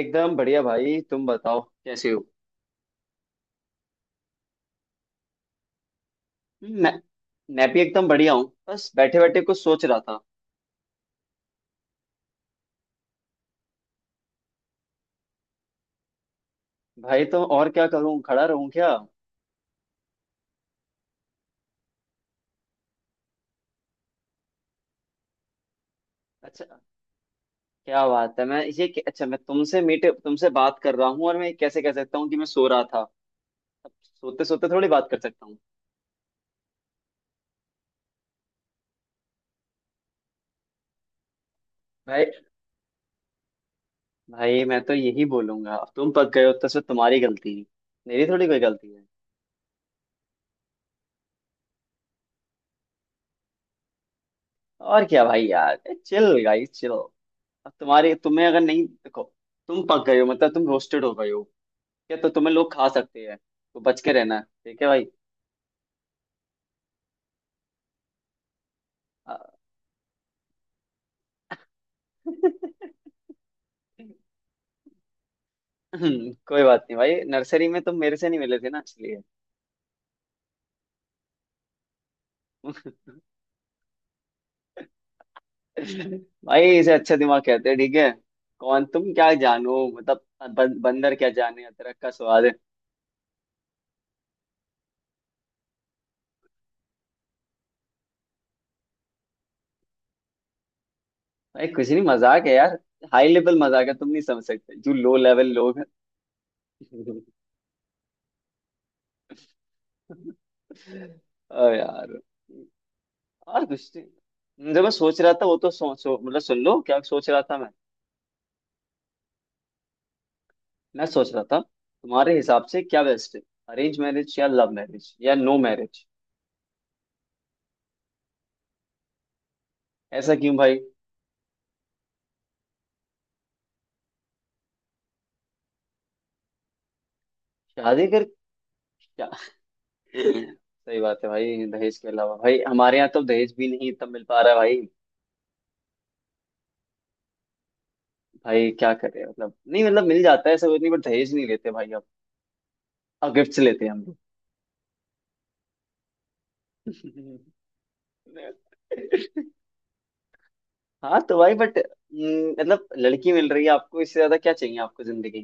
एकदम बढ़िया भाई। तुम बताओ कैसे हो। मैं मैं भी एकदम बढ़िया हूँ, बस बैठे बैठे कुछ सोच रहा था। भाई तो और क्या करूँ, खड़ा रहूँ क्या। अच्छा, क्या बात है। मैं अच्छा, मैं तुमसे मीट तुमसे बात कर रहा हूँ और मैं कैसे कह सकता हूँ कि मैं सो रहा था। अब सोते सोते थोड़ी बात कर सकता हूँ। भाई, भाई मैं तो यही बोलूंगा। अब तुम पक गए हो तो उसमें तुम्हारी गलती है, मेरी थोड़ी कोई गलती है। और क्या भाई यार, चिल गाइस चिल। अब तुम्हारी तुम्हें अगर नहीं देखो, तुम पक गए हो मतलब तुम रोस्टेड हो गए हो, या तो तुम्हें लोग खा सकते हैं, तो बच के रहना। ठीक है भाई। आ- कोई बात नहीं भाई, नर्सरी में तुम मेरे से नहीं मिले थे ना इसलिए। भाई इसे अच्छा दिमाग कहते हैं, ठीक है। कौन तुम क्या जानो, मतलब बंदर क्या जाने अदरक का स्वाद है। भाई कुछ नहीं, मजाक है यार। हाई लेवल मजाक है, तुम नहीं समझ सकते जो लो लेवल लोग हैं। ओ यार। और कुछ नहीं, जो मैं सोच रहा था वो तो मतलब सुन लो क्या सोच रहा था मैं। मैं सोच रहा था तुम्हारे हिसाब से क्या बेस्ट है, अरेंज मैरिज या लव मैरिज या नो मैरिज। ऐसा क्यों भाई। शादी कर क्या। सही बात है भाई, दहेज के अलावा भाई हमारे यहाँ तो दहेज भी नहीं इतना मिल पा रहा है भाई। भाई क्या करें, मतलब नहीं मतलब मिल जाता है, ऐसा कुछ नहीं, बट दहेज नहीं लेते भाई अब। अब गिफ्ट लेते हैं हम लोग। हाँ, तो भाई बट मतलब लड़की मिल रही है आपको, इससे ज्यादा क्या चाहिए आपको जिंदगी।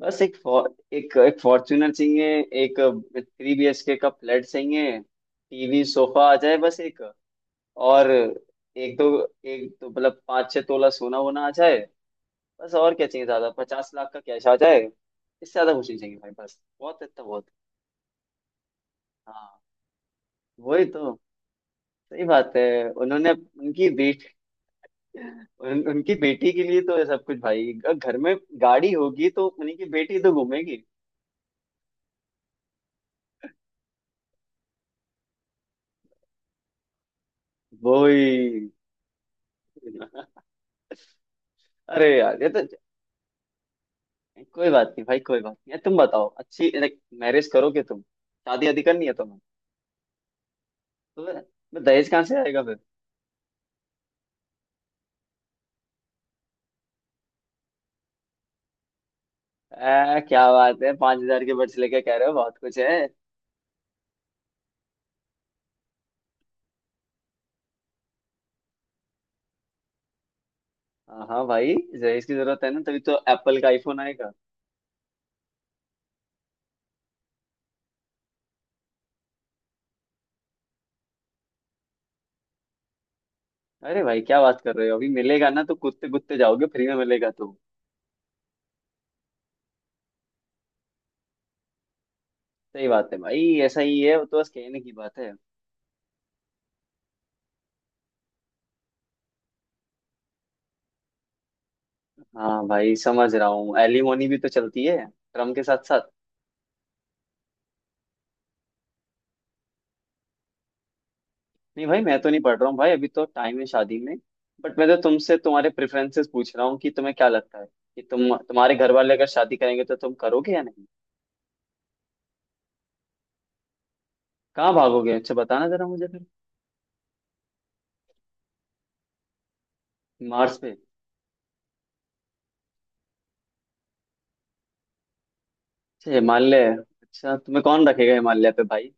बस एक फॉर्च्यूनर चाहिए, एक थ्री बीएचके का फ्लैट चाहिए, टीवी सोफा आ जाए, बस। एक और, एक दो, एक तो मतलब पाँच छह तोला सोना वोना आ जाए। बस, और क्या चाहिए ज्यादा। पचास लाख का कैश आ जाए, इससे ज्यादा कुछ नहीं चाहिए भाई, बस बहुत है इतना बहुत है। हाँ, वही तो। सही बात है। उन्होंने उनकी बेटी उन, उनकी बेटी के लिए तो ये सब कुछ भाई, घर में गाड़ी होगी तो उन्हीं की बेटी तो घूमेगी। वही। अरे यार, ये तो। कोई बात नहीं भाई, कोई बात नहीं। तुम बताओ अच्छी, लाइक मैरिज करोगे तुम, शादी आदि करनी है तुम्हें। तो मैं दहेज कहाँ से आएगा फिर। क्या बात है, पांच हजार के बर्ड्स लेके कह रहे हो बहुत कुछ है। हाँ हाँ भाई, दहेज की जरूरत है ना, तभी तो एप्पल का आईफोन आएगा। अरे भाई क्या बात कर रहे हो, अभी मिलेगा ना तो कूदते कूदते जाओगे, फ्री में मिलेगा तो। सही बात है भाई, ऐसा ही है, वो तो बस कहने की बात है। हाँ भाई समझ रहा हूँ, एलिमोनी भी तो चलती है ड्रम के साथ। नहीं भाई, मैं तो नहीं पढ़ रहा हूँ भाई, अभी तो टाइम है शादी में। बट मैं तो तुमसे तुम्हारे प्रेफरेंसेस पूछ रहा हूँ कि तुम्हें क्या लगता है, कि तुम तुम्हारे घर वाले अगर शादी करेंगे तो तुम करोगे या नहीं। कहाँ भागोगे, अच्छा बताना जरा मुझे फिर। मार्स पे। अच्छा हिमालय, अच्छा तुम्हें कौन रखेगा हिमालय पे भाई।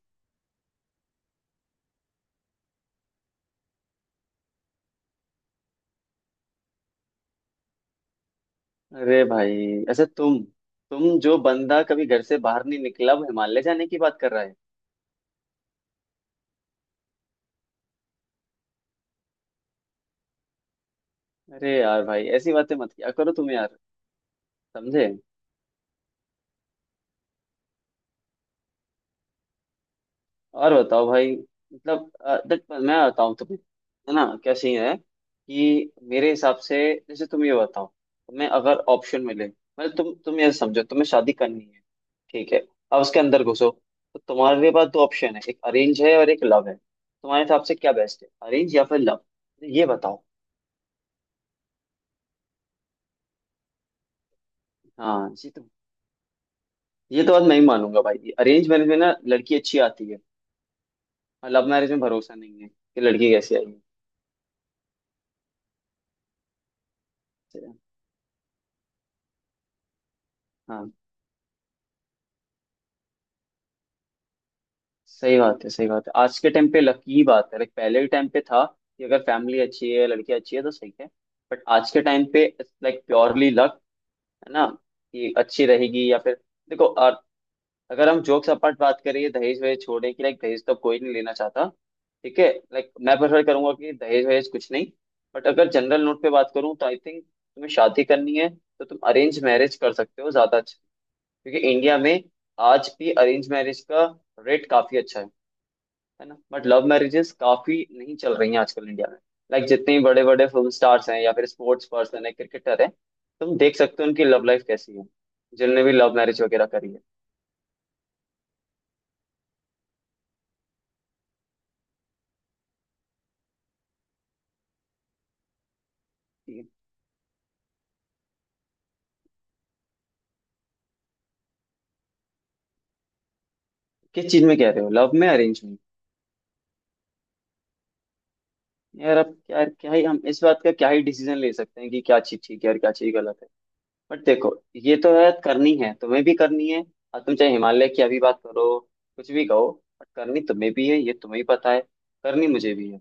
अरे भाई अच्छा, तुम जो बंदा कभी घर से बाहर नहीं निकला, वो हिमालय जाने की बात कर रहा है। अरे यार भाई ऐसी बातें मत किया करो तुम यार, समझे। और बताओ भाई, मतलब देख मैं बताऊँ तुम्हें, है ना, क्या सीन है कि मेरे हिसाब से, जैसे तुम ये बताओ, तुम्हें अगर ऑप्शन मिले, मतलब तुम ये समझो तुम्हें शादी करनी है, ठीक है। अब उसके अंदर घुसो। तो तुम्हारे पास दो ऑप्शन है, एक अरेंज है और एक लव है, तुम्हारे हिसाब से क्या बेस्ट है, अरेंज या फिर लव, ये बताओ। हाँ ये तो, ये तो बात मैं ही मानूंगा भाई, अरेंज मैरिज में ना लड़की अच्छी आती है, और लव मैरिज में भरोसा नहीं है कि लड़की कैसी आएगी। हाँ, सही बात है। सही बात है, आज के टाइम पे लकी बात है, लाइक पहले के टाइम पे था कि अगर फैमिली अच्छी है, लड़की अच्छी है तो सही है। बट आज के टाइम पे लाइक प्योरली लक, है ना, कि अच्छी रहेगी या फिर। देखो और, अगर हम जोक्स अपार्ट बात करें दहेज वहेज छोड़ने की, लाइक दहेज तो कोई नहीं लेना चाहता, ठीक है। लाइक मैं प्रेफर करूंगा कि दहेज वहेज कुछ नहीं। बट अगर जनरल नोट पे बात करूँ तो आई थिंक तुम्हें शादी करनी है तो तुम अरेंज मैरिज कर सकते हो, ज्यादा अच्छा। क्योंकि इंडिया में आज भी अरेंज मैरिज का रेट काफी अच्छा है ना। बट लव मैरिजेस काफी नहीं चल रही हैं आजकल इंडिया में। लाइक जितने बड़े बड़े फिल्म स्टार्स हैं या फिर स्पोर्ट्स पर्सन है, क्रिकेटर है, तुम देख सकते हो उनकी लव लाइफ कैसी है जिनने भी लव मैरिज वगैरह करी है। ठीक है, किस चीज में कह रहे हो, लव में अरेंज में। यार अब क्या क्या ही हम, इस बात का क्या ही डिसीजन ले सकते हैं कि क्या चीज ठीक है और क्या चीज गलत है। बट देखो, ये तो है, करनी है, तुम्हें भी करनी है, और तुम चाहे हिमालय की अभी बात करो, कुछ भी कहो, बट करनी तुम्हें भी है, ये तुम्हें ही पता है, करनी मुझे भी है,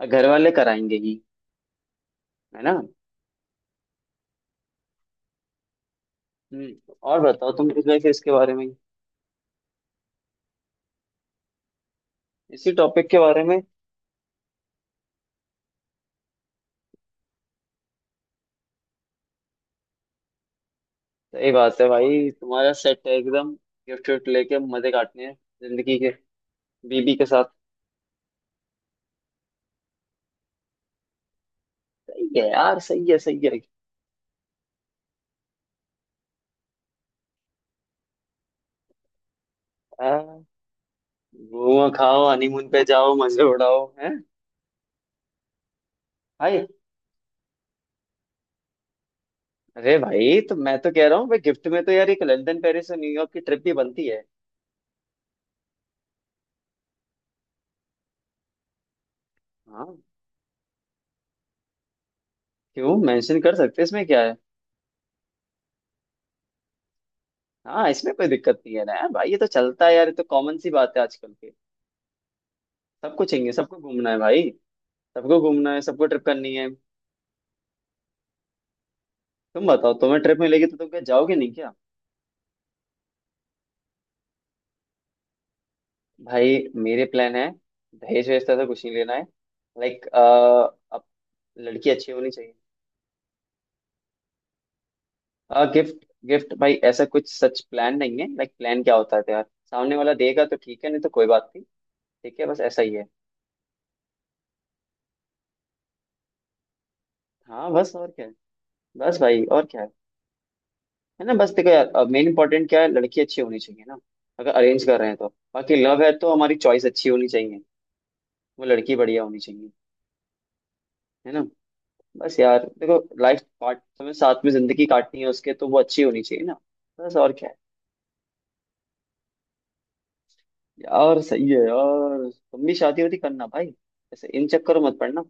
और घर वाले कराएंगे ही, है ना। हम्म, और बताओ, तुम कुछ ऐसे इसके बारे में। इसी टॉपिक के बारे में। सही बात है भाई, तुम्हारा सेट है एकदम, गिफ्ट विफ्ट लेके मजे काटने हैं जिंदगी के, बीबी के साथ। सही है यार, सही है, सही है। हाँ, घूमो खाओ, हनीमून पे जाओ, मजे उड़ाओ, हैं भाई। अरे भाई तो मैं तो कह रहा हूँ भाई, गिफ्ट में तो यार एक लंदन पेरिस और न्यूयॉर्क की ट्रिप भी बनती है। हाँ, क्यों, मेंशन कर सकते हैं, इसमें क्या है। हाँ इसमें कोई दिक्कत नहीं है ना यार भाई, ये तो चलता है यार, ये तो कॉमन सी बात है आजकल के। सबको चाहिए, सबको घूमना है भाई, सबको घूमना है, सबको ट्रिप करनी है। तुम बताओ, तुम्हें ट्रिप मिलेगी तो तुम क्या जाओगे नहीं क्या। भाई मेरे प्लान है, दहेज वहेज से कुछ नहीं लेना है, लाइक अब लड़की अच्छी होनी चाहिए। आ, गिफ्ट गिफ्ट भाई, ऐसा कुछ सच प्लान नहीं है, लाइक प्लान क्या होता है तो यार, सामने वाला देगा तो ठीक है, नहीं तो कोई बात नहीं। ठीक है, बस ऐसा ही है। हाँ बस, और क्या है। बस भाई, और क्या है ना। बस देखो यार, मेन इंपॉर्टेंट क्या है, लड़की अच्छी होनी चाहिए ना, अगर अरेंज कर रहे हैं तो। बाकी लव है तो हमारी चॉइस अच्छी होनी चाहिए, वो लड़की बढ़िया होनी चाहिए, है ना। बस यार देखो, लाइफ पार्ट हमें साथ में जिंदगी काटनी है उसके, तो वो अच्छी होनी चाहिए ना। बस, और क्या है। यार सही है यार, तुम भी शादी वादी करना भाई, ऐसे इन चक्करों मत पड़ना।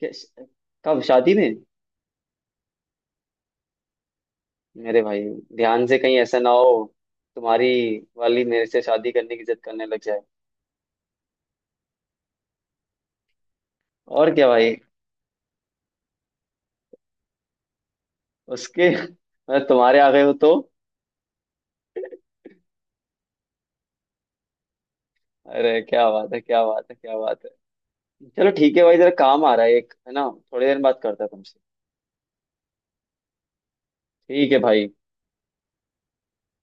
क्या- कब शादी में, मेरे भाई, ध्यान से, कहीं ऐसा ना हो, तुम्हारी वाली मेरे से शादी करने की जिद करने लग जाए। और क्या भाई। उसके मतलब तुम्हारे आ गए हो तो। अरे क्या बात है, क्या बात है, क्या बात है। चलो ठीक है भाई, जरा काम आ रहा है एक, है ना, थोड़ी देर बात करता हूँ तुमसे। ठीक है भाई।